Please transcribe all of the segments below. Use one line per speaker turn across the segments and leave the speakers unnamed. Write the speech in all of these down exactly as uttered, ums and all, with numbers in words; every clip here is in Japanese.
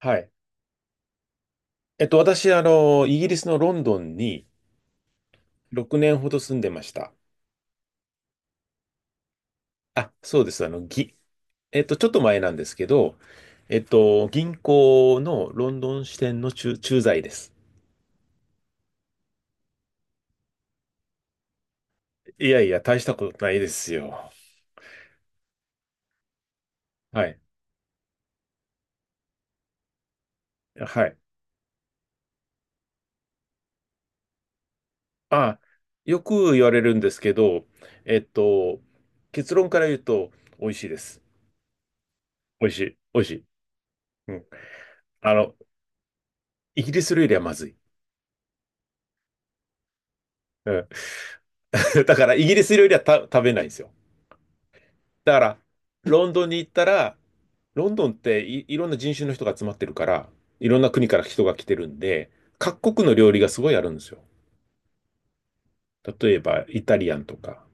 はい。えっと、私、あの、イギリスのロンドンにろくねんほど住んでました。あ、そうです。あの、ぎ、えっと、ちょっと前なんですけど、えっと、銀行のロンドン支店の駐、駐在です。いやいや、大したことないですよ。はい。はい。あ、よく言われるんですけど、えっと、結論から言うと、美味しいです。美味しい。美味しい。うん。あの、イギリス料理はまずい。うん。だから、イギリス料理はた食べないんですよ。だから、ロンドンに行ったら、ロンドンってい、いろんな人種の人が集まってるから、いろんな国から人が来てるんで、各国の料理がすごいあるんですよ。例えば、イタリアンとか、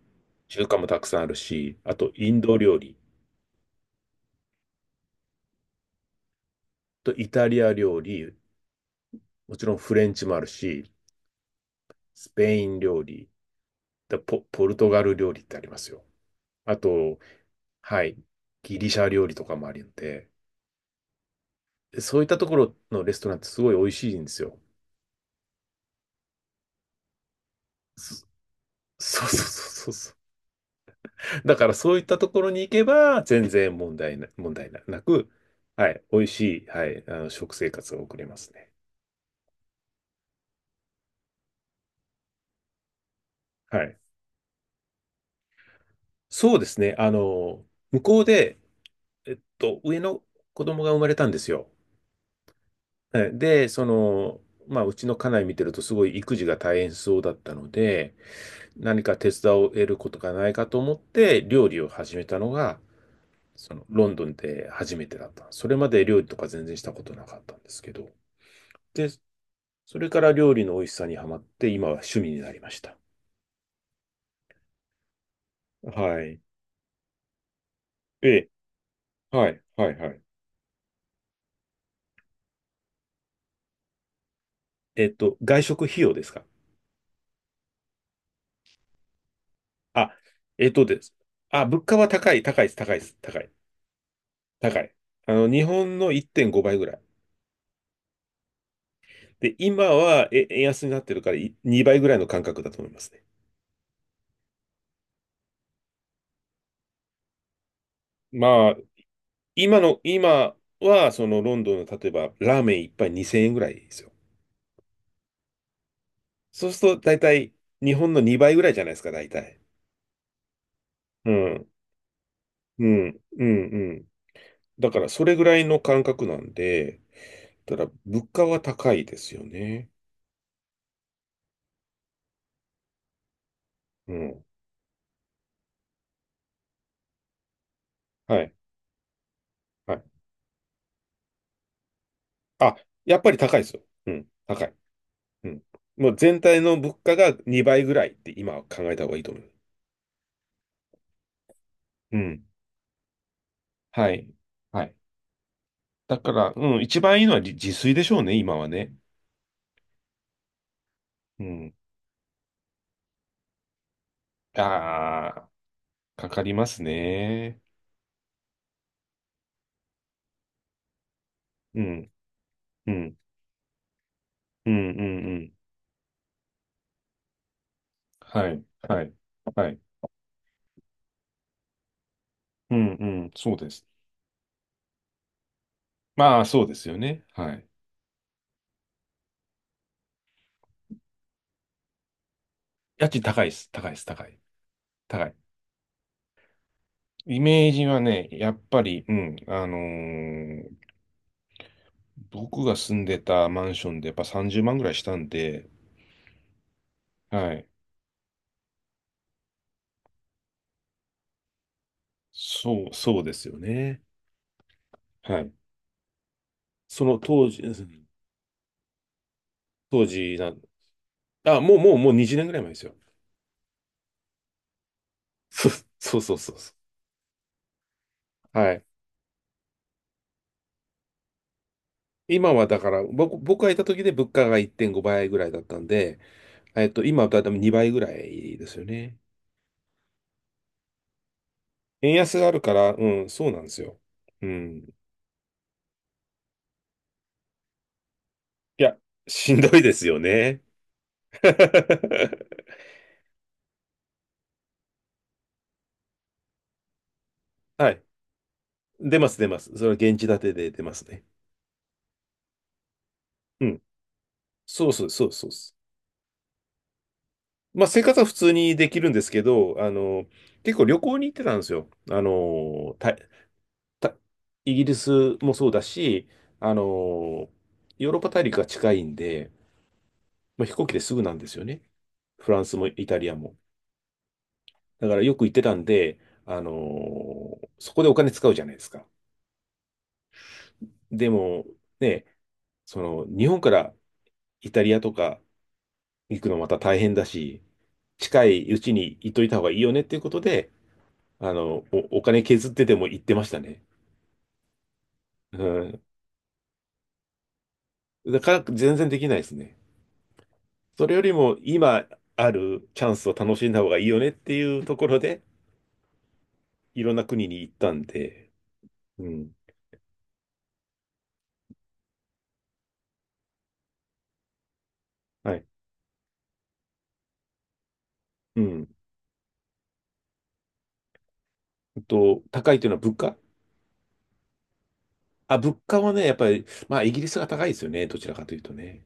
中華もたくさんあるし、あと、インド料理とイタリア料理、もちろんフレンチもあるし、スペイン料理、だポ、ポルトガル料理ってありますよ。あと、はい、ギリシャ料理とかもあるんで、そういったところのレストランってすごい美味しいんですよ。そそうそうそうそうだからそういったところに行けば、全然問題な、問題なく、はい、美味しい、はい、あの、食生活が送れますね。はい。そうですね。あの、向こうで、えっと、上の子供が生まれたんですよ。えで、その、まあ、うちの家内見てるとすごい育児が大変そうだったので、何か手伝を得ることがないかと思って料理を始めたのが、そのロンドンで初めてだった。それまで料理とか全然したことなかったんですけど。で、それから料理の美味しさにはまって、今は趣味になりました。はい。ええ、はい、はい、はい。えっと、外食費用ですか？あ、えっとです。あ、物価は高い、高いです、高いです、高い、高い。あの、日本のいってんごばいぐらい。で、今は、え、円安になってるからいにばいぐらいの感覚だと思いますね。まあ、今の、今は、そのロンドンの例えば、ラーメン一杯にせんえんぐらいですよ。そうすると、大体、日本のにばいぐらいじゃないですか、大体。うん、うん、うん、うん。だからそれぐらいの感覚なんで、ただ物価は高いですよね。うん。はい。はい。あ、やっぱり高いですよ。うん。高い。うん。もう全体の物価がにばいぐらいって今は考えた方がいいと思う。うん。はい。はい。だから、うん、一番いいのは自自炊でしょうね、今はね。うん。ああ、かかりますね。うん。うん。うん。うん。うん。はい。はい。はい。うん。うん。そうです。まあ、そうですよね。はい。家賃高いです。高いです。高い。高い。イメージはね、やっぱり、うん、あのー僕が住んでたマンションでやっぱさんじゅうまんぐらいしたんで、はい。そう、そうですよね。はい。その当時、うん当時な、あ、もう、もう、もうにじゅうねんぐらい前ですよ。そう、そうそうそうそう。はい。今はだから、僕、僕がいた時で物価がいってんごばいぐらいだったんで、えっと、今はだいたいにばいぐらいですよね。円安があるから、うん、そうなんですよ。うん。いや、しんどいですよね。はい。出ます、出ます。それは現地建てで出ますね。うん。そうそう、そうそうです。まあ、生活は普通にできるんですけど、あの、結構旅行に行ってたんですよ。あの、た、た、イギリスもそうだし、あの、ヨーロッパ大陸が近いんで、まあ、飛行機ですぐなんですよね。フランスもイタリアも。だからよく行ってたんで、あの、そこでお金使うじゃないですか。でも、ね、その、日本からイタリアとか行くのまた大変だし、近いうちに行っといた方がいいよねっていうことで、あの、お、お金削ってでも行ってましたね。うん。だから全然できないですね。それよりも今あるチャンスを楽しんだ方がいいよねっていうところで、いろんな国に行ったんで、うん。はい。うん。えっと、高いというのは物価？あ、物価はね、やっぱり、まあ、イギリスが高いですよね。どちらかというとね。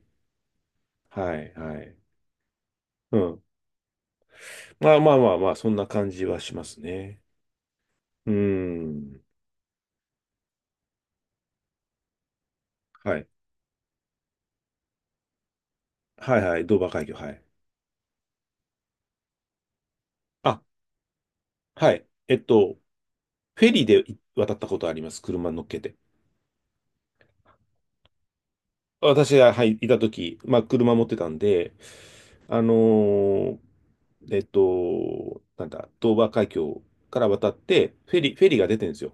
はい、はい。うん。まあまあまあまあ、そんな感じはしますね。うん。はい。はいはい。ドーバー海峡。はい。あ、はい。えっと、フェリーでい渡ったことあります。車乗っけて。私が、はい、いたとき、まあ、車持ってたんで、あのーえっと、なんだ、ドーバー海峡から渡って、フェリー、フェリーが出てるんですよ。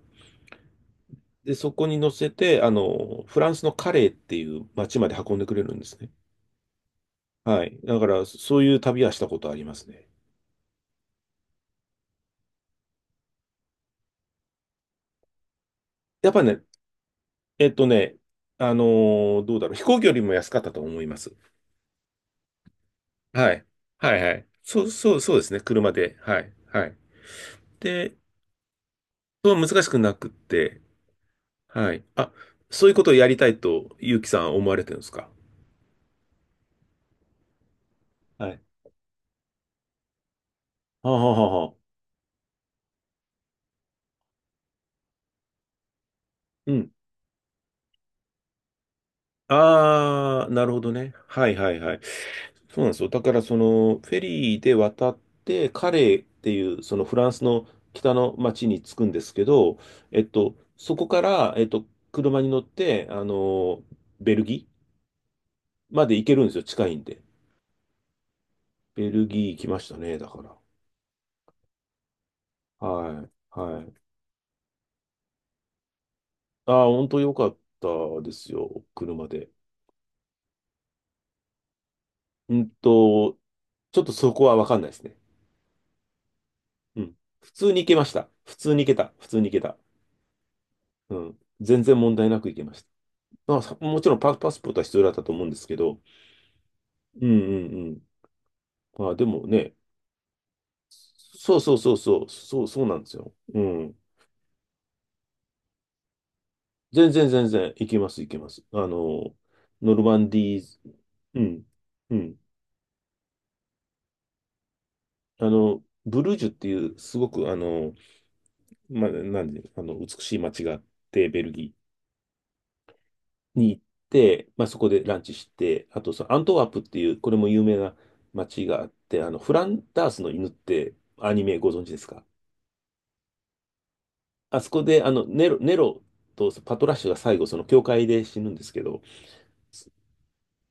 で、そこに乗せて、あの、フランスのカレーっていう町まで運んでくれるんですね。はい。だから、そういう旅はしたことありますね。やっぱね、えっとね、あのーどうだろう、飛行機よりも安かったと思います。はい。はいはい。そう、そう、そうですね。車で。はい。はい。で、そう難しくなくって、はい。あ、そういうことをやりたいと、ゆうきさん思われてるんですか？はい。はあ、はあはあはあ、うん。ああ、なるほどね。はいはいはい。そうなんですよ。だから、その、フェリーで渡って、カレーっていう、そのフランスの北の町に着くんですけど、えっと、そこから、えっと、車に乗って、あの、ベルギーまで行けるんですよ。近いんで。ベルギー行きましたね、だから。はい。はい。ああ、本当良かったですよ、車で。うんと、ちょっとそこはわかんないですね。うん。普通に行けました。普通に行けた。普通に行けた。うん。全然問題なく行けました。まあ、さもちろんパ、パスポートは必要だったと思うんですけど、うんうんうん。まあ、でもね、そうそうそうそう、そう、そうなんですよ。うん。全然全然行けます、行けます。あの、ノルマンディー、うん、うん。あの、ブルージュっていう、すごく、あの、まあ、なんで、あの、美しい街があって、ベルギーに行って、まあ、そこでランチして、あと、そのアントワープっていう、これも有名な街があって、あの、フランダースの犬ってアニメご存知ですか？あそこで、あの、ネロ、ネロとパトラッシュが最後、その教会で死ぬんですけど、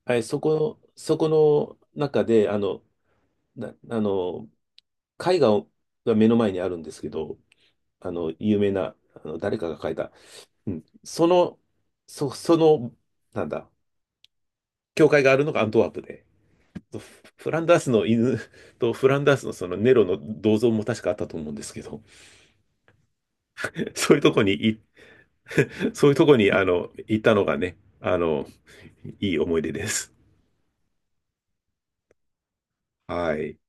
はい、そこ、そこの中で、あの、な、あの、絵画をが目の前にあるんですけど、あの、有名な、あの、誰かが描いた。うん。その、そ、その、なんだ、教会があるのがアントワープで、フフランダースの犬 とフランダースのそのネロの銅像も確かあったと思うんですけど、そういうとこにい、そういうとこに、あの、行ったのがね、あの、いい思い出です。はい。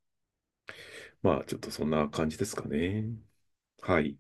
まあ、ちょっとそんな感じですかね。はい。